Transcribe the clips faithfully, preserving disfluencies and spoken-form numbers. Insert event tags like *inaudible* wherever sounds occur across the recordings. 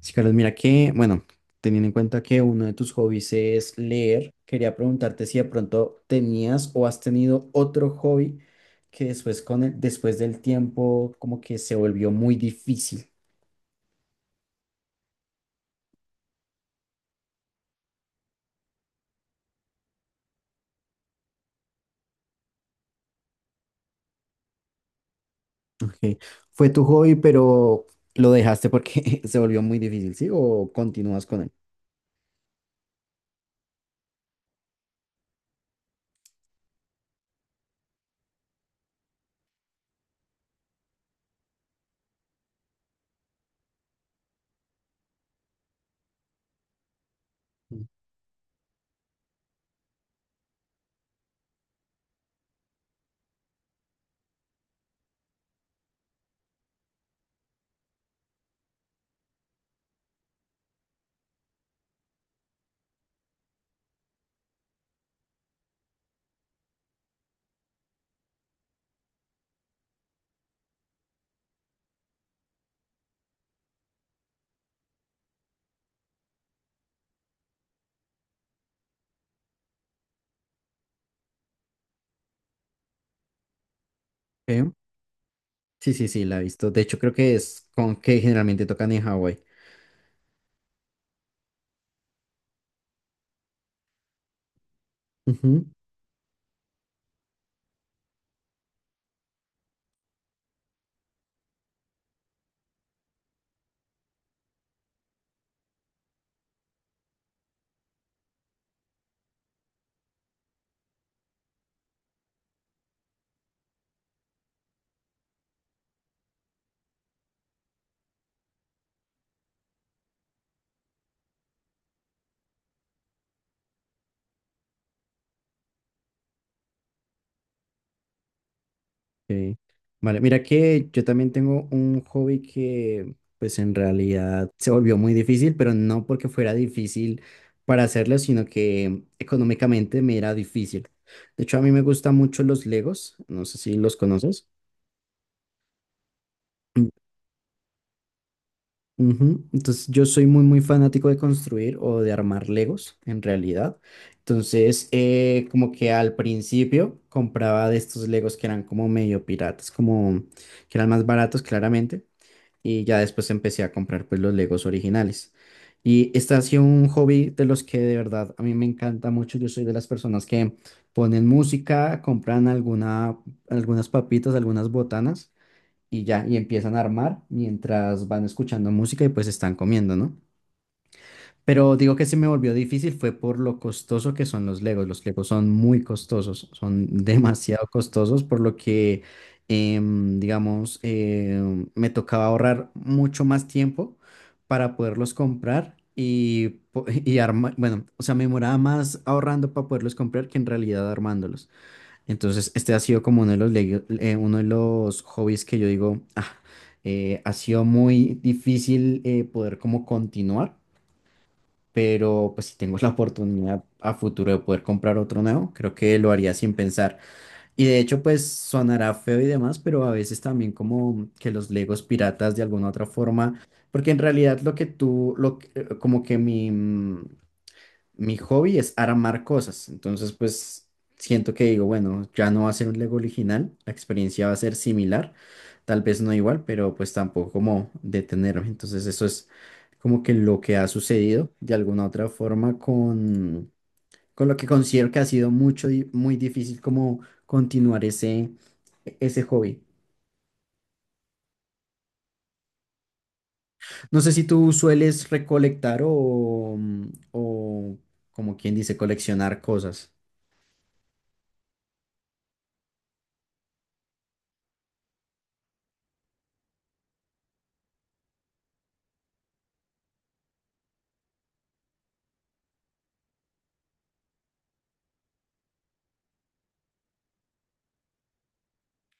Sí, Carlos, mira que, bueno, teniendo en cuenta que uno de tus hobbies es leer, quería preguntarte si de pronto tenías o has tenido otro hobby que después con el- después del tiempo como que se volvió muy difícil. Ok. Fue tu hobby, pero lo dejaste porque *laughs* se volvió muy difícil, ¿sí? ¿O continúas con él? Ok. Sí, sí, sí, la he visto. De hecho, creo que es con que generalmente tocan en Hawái. Ok. Vale, mira que yo también tengo un hobby que pues en realidad se volvió muy difícil, pero no porque fuera difícil para hacerlo, sino que económicamente me era difícil. De hecho, a mí me gustan mucho los Legos, no sé si los conoces. Mm, ujú. Entonces yo soy muy muy fanático de construir o de armar Legos en realidad. Entonces eh, como que al principio compraba de estos Legos que eran como medio piratas, como que eran más baratos claramente. Y ya después empecé a comprar pues los Legos originales. Y este ha sido un hobby de los que de verdad a mí me encanta mucho. Yo soy de las personas que ponen música, compran alguna, algunas papitas, algunas botanas y ya, y empiezan a armar mientras van escuchando música y pues están comiendo, ¿no? Pero digo que se me volvió difícil fue por lo costoso que son los Legos. Los Legos son muy costosos, son *laughs* demasiado costosos, por lo que, em, digamos, em, me tocaba ahorrar mucho más tiempo para poderlos comprar y, po- *laughs* y armar, bueno, o sea, me demoraba más ahorrando para poderlos comprar que en realidad armándolos. Entonces, este ha sido como uno de los, lego- eh, uno de los hobbies que yo digo, "Ah, eh, ha sido muy difícil eh, poder como continuar, pero pues si tengo la oportunidad a futuro de poder comprar otro nuevo, creo que lo haría sin pensar. Y de hecho, pues sonará feo y demás, pero a veces también como que los Legos piratas de alguna otra forma, porque en realidad lo que tú, lo, que- como que mi mi hobby es armar cosas. Entonces, pues siento que digo, bueno, ya no va a ser un Lego original, la experiencia va a ser similar, tal vez no igual, pero pues tampoco como detenerme. Entonces, eso es como que lo que ha sucedido de alguna otra forma con, con lo que considero que ha sido mucho, di- muy difícil como continuar ese, ese hobby. No sé si tú sueles recolectar o, o como quien dice, coleccionar cosas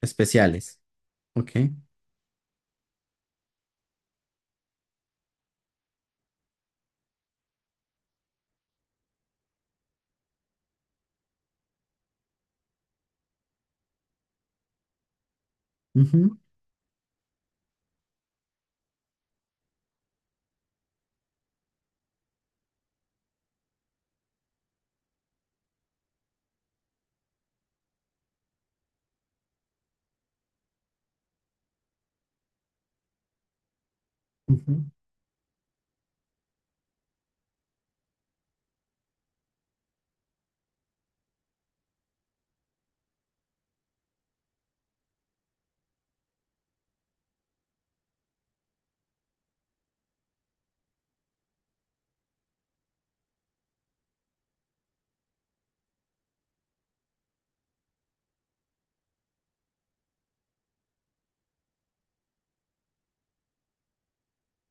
especiales. Ok. Ujú, ujú.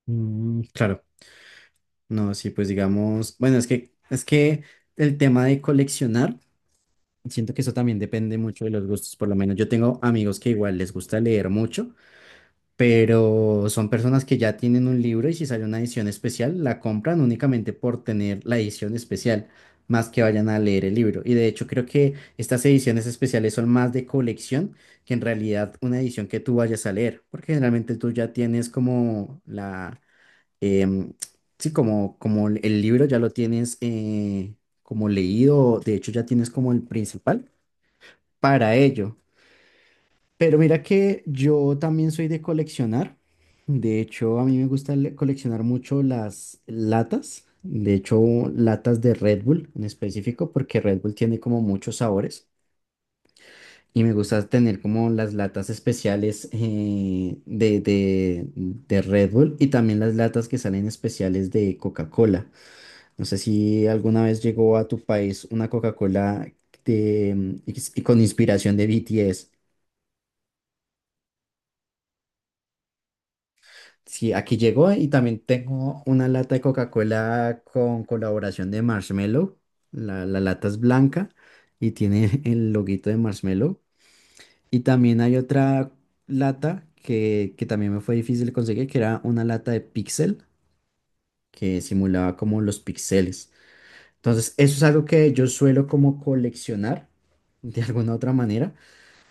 Mm, claro, no, sí, pues digamos, bueno, es que es que el tema de coleccionar, siento que eso también depende mucho de los gustos, por lo menos yo tengo amigos que igual les gusta leer mucho, pero son personas que ya tienen un libro y si sale una edición especial, la compran únicamente por tener la edición especial, más que vayan a leer el libro. Y de hecho creo que estas ediciones especiales son más de colección que en realidad una edición que tú vayas a leer, porque generalmente tú ya tienes como la em, sí, como, como el el libro ya lo tienes eh, como leído, de hecho ya tienes como el principal para ello. Pero mira que yo también soy de coleccionar. De hecho, a mí me gusta le- coleccionar mucho las latas. De hecho, latas de Red Bull en específico, porque Red Bull tiene como muchos sabores. Y me gusta tener como las latas especiales eh, de, de, de Red Bull y también las latas que salen especiales de Coca-Cola. No sé si alguna vez llegó a tu país una Coca-Cola de, mm, ex- y con inspiración de B T S. Sí, aquí llegó y también tengo una lata de Coca-Cola con colaboración de Marshmello. La, la lata es blanca y tiene *laughs* el loguito de Marshmello. Y también hay otra lata que, que también me fue difícil conseguir, que era una lata de Pixel que simulaba como los píxeles. Entonces, eso es algo que yo suelo como coleccionar de alguna otra manera.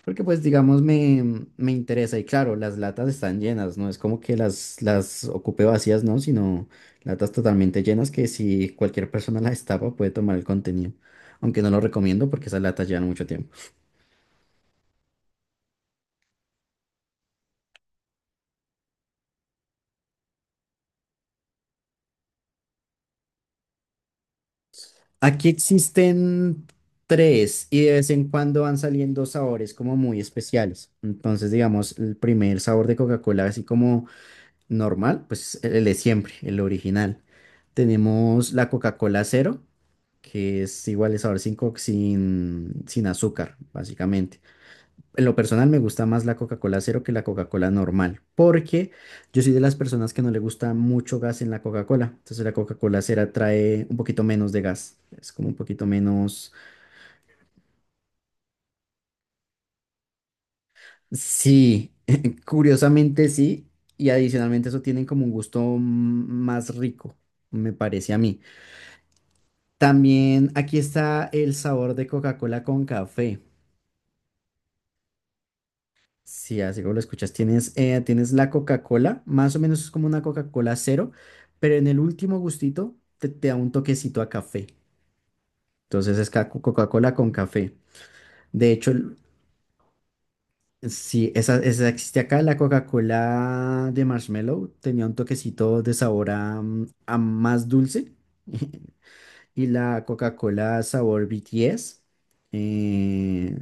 Porque pues digamos me, me interesa y claro, las latas están llenas, no es como que las, las ocupe vacías, no, sino latas totalmente llenas que si cualquier persona las tapa puede tomar el contenido, aunque no lo recomiendo porque esas latas llevan mucho tiempo. Aquí existen tres y de vez en cuando van saliendo sabores como muy especiales. Entonces digamos el primer sabor de Coca-Cola así como normal, pues el de siempre, el original. Tenemos la Coca-Cola cero que es igual de sabor sin, co- sin, sin azúcar, básicamente. En lo personal me gusta más la Coca-Cola cero que la Coca-Cola normal, porque yo soy de las personas que no le gusta mucho gas en la Coca-Cola. Entonces la Coca-Cola cero trae un poquito menos de gas. Es como un poquito menos... Sí, *laughs* curiosamente sí. Y adicionalmente eso tiene como un gusto mm, más rico, me parece a mí. También aquí está el sabor de Coca-Cola con café. Sí, así como lo escuchas, tienes, eh, tienes la Coca-Cola, más o menos es como una Coca-Cola cero, pero en el último gustito te, te da un toquecito a café. Entonces es ca- Coca-Cola con café. De hecho, el- sí, esa, esa existe acá, la Coca-Cola de marshmallow tenía un toquecito de sabor a, mm, a más dulce. *laughs* Y la Coca-Cola sabor B T S eh,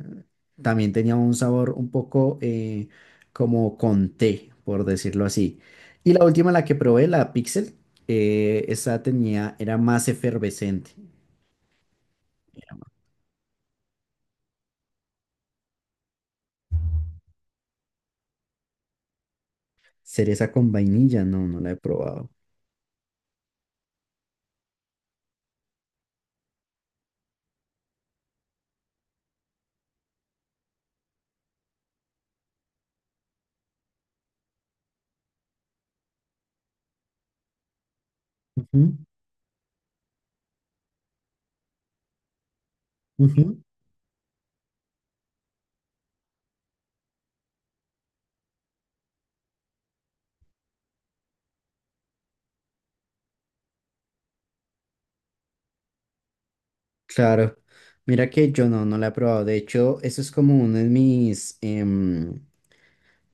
también tenía un sabor un poco eh, como con té, por decirlo así. Y la última, la que probé, la Pixel, eh, esa tenía, era más efervescente. Cereza con vainilla, no, no la he probado. Ujú, ujú. Claro, mira que yo no, no la he probado. De hecho, eso es como uno de mis, em,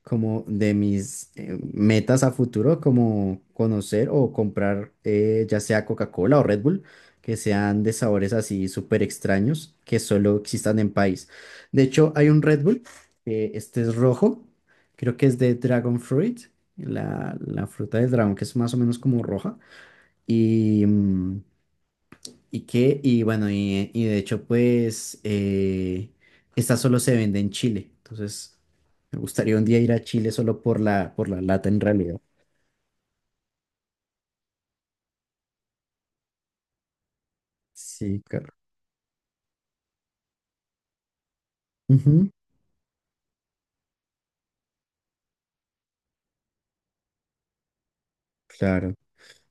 como de mis eh, metas a futuro, como conocer o comprar eh, ya sea Coca-Cola o Red Bull, que sean de sabores así súper extraños, que solo existan en país. De hecho, hay un Red Bull, que este es rojo, creo que es de Dragon Fruit, la, la fruta del dragón, que es más o menos como roja, y... mm, y que, y bueno, y, y de hecho, pues, eh, esta solo se vende en Chile. Entonces, me gustaría un día ir a Chile solo por la, por la lata en realidad. Sí, claro. Ujú, claro.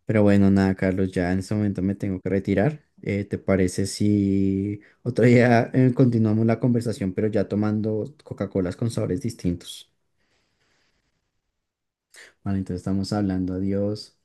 Pero bueno, nada, Carlos, ya en este momento me tengo que retirar. Eh, ¿te parece si otro día eh, continuamos la conversación, pero ya tomando Coca-Colas con sabores distintos? Vale, entonces estamos hablando. Adiós.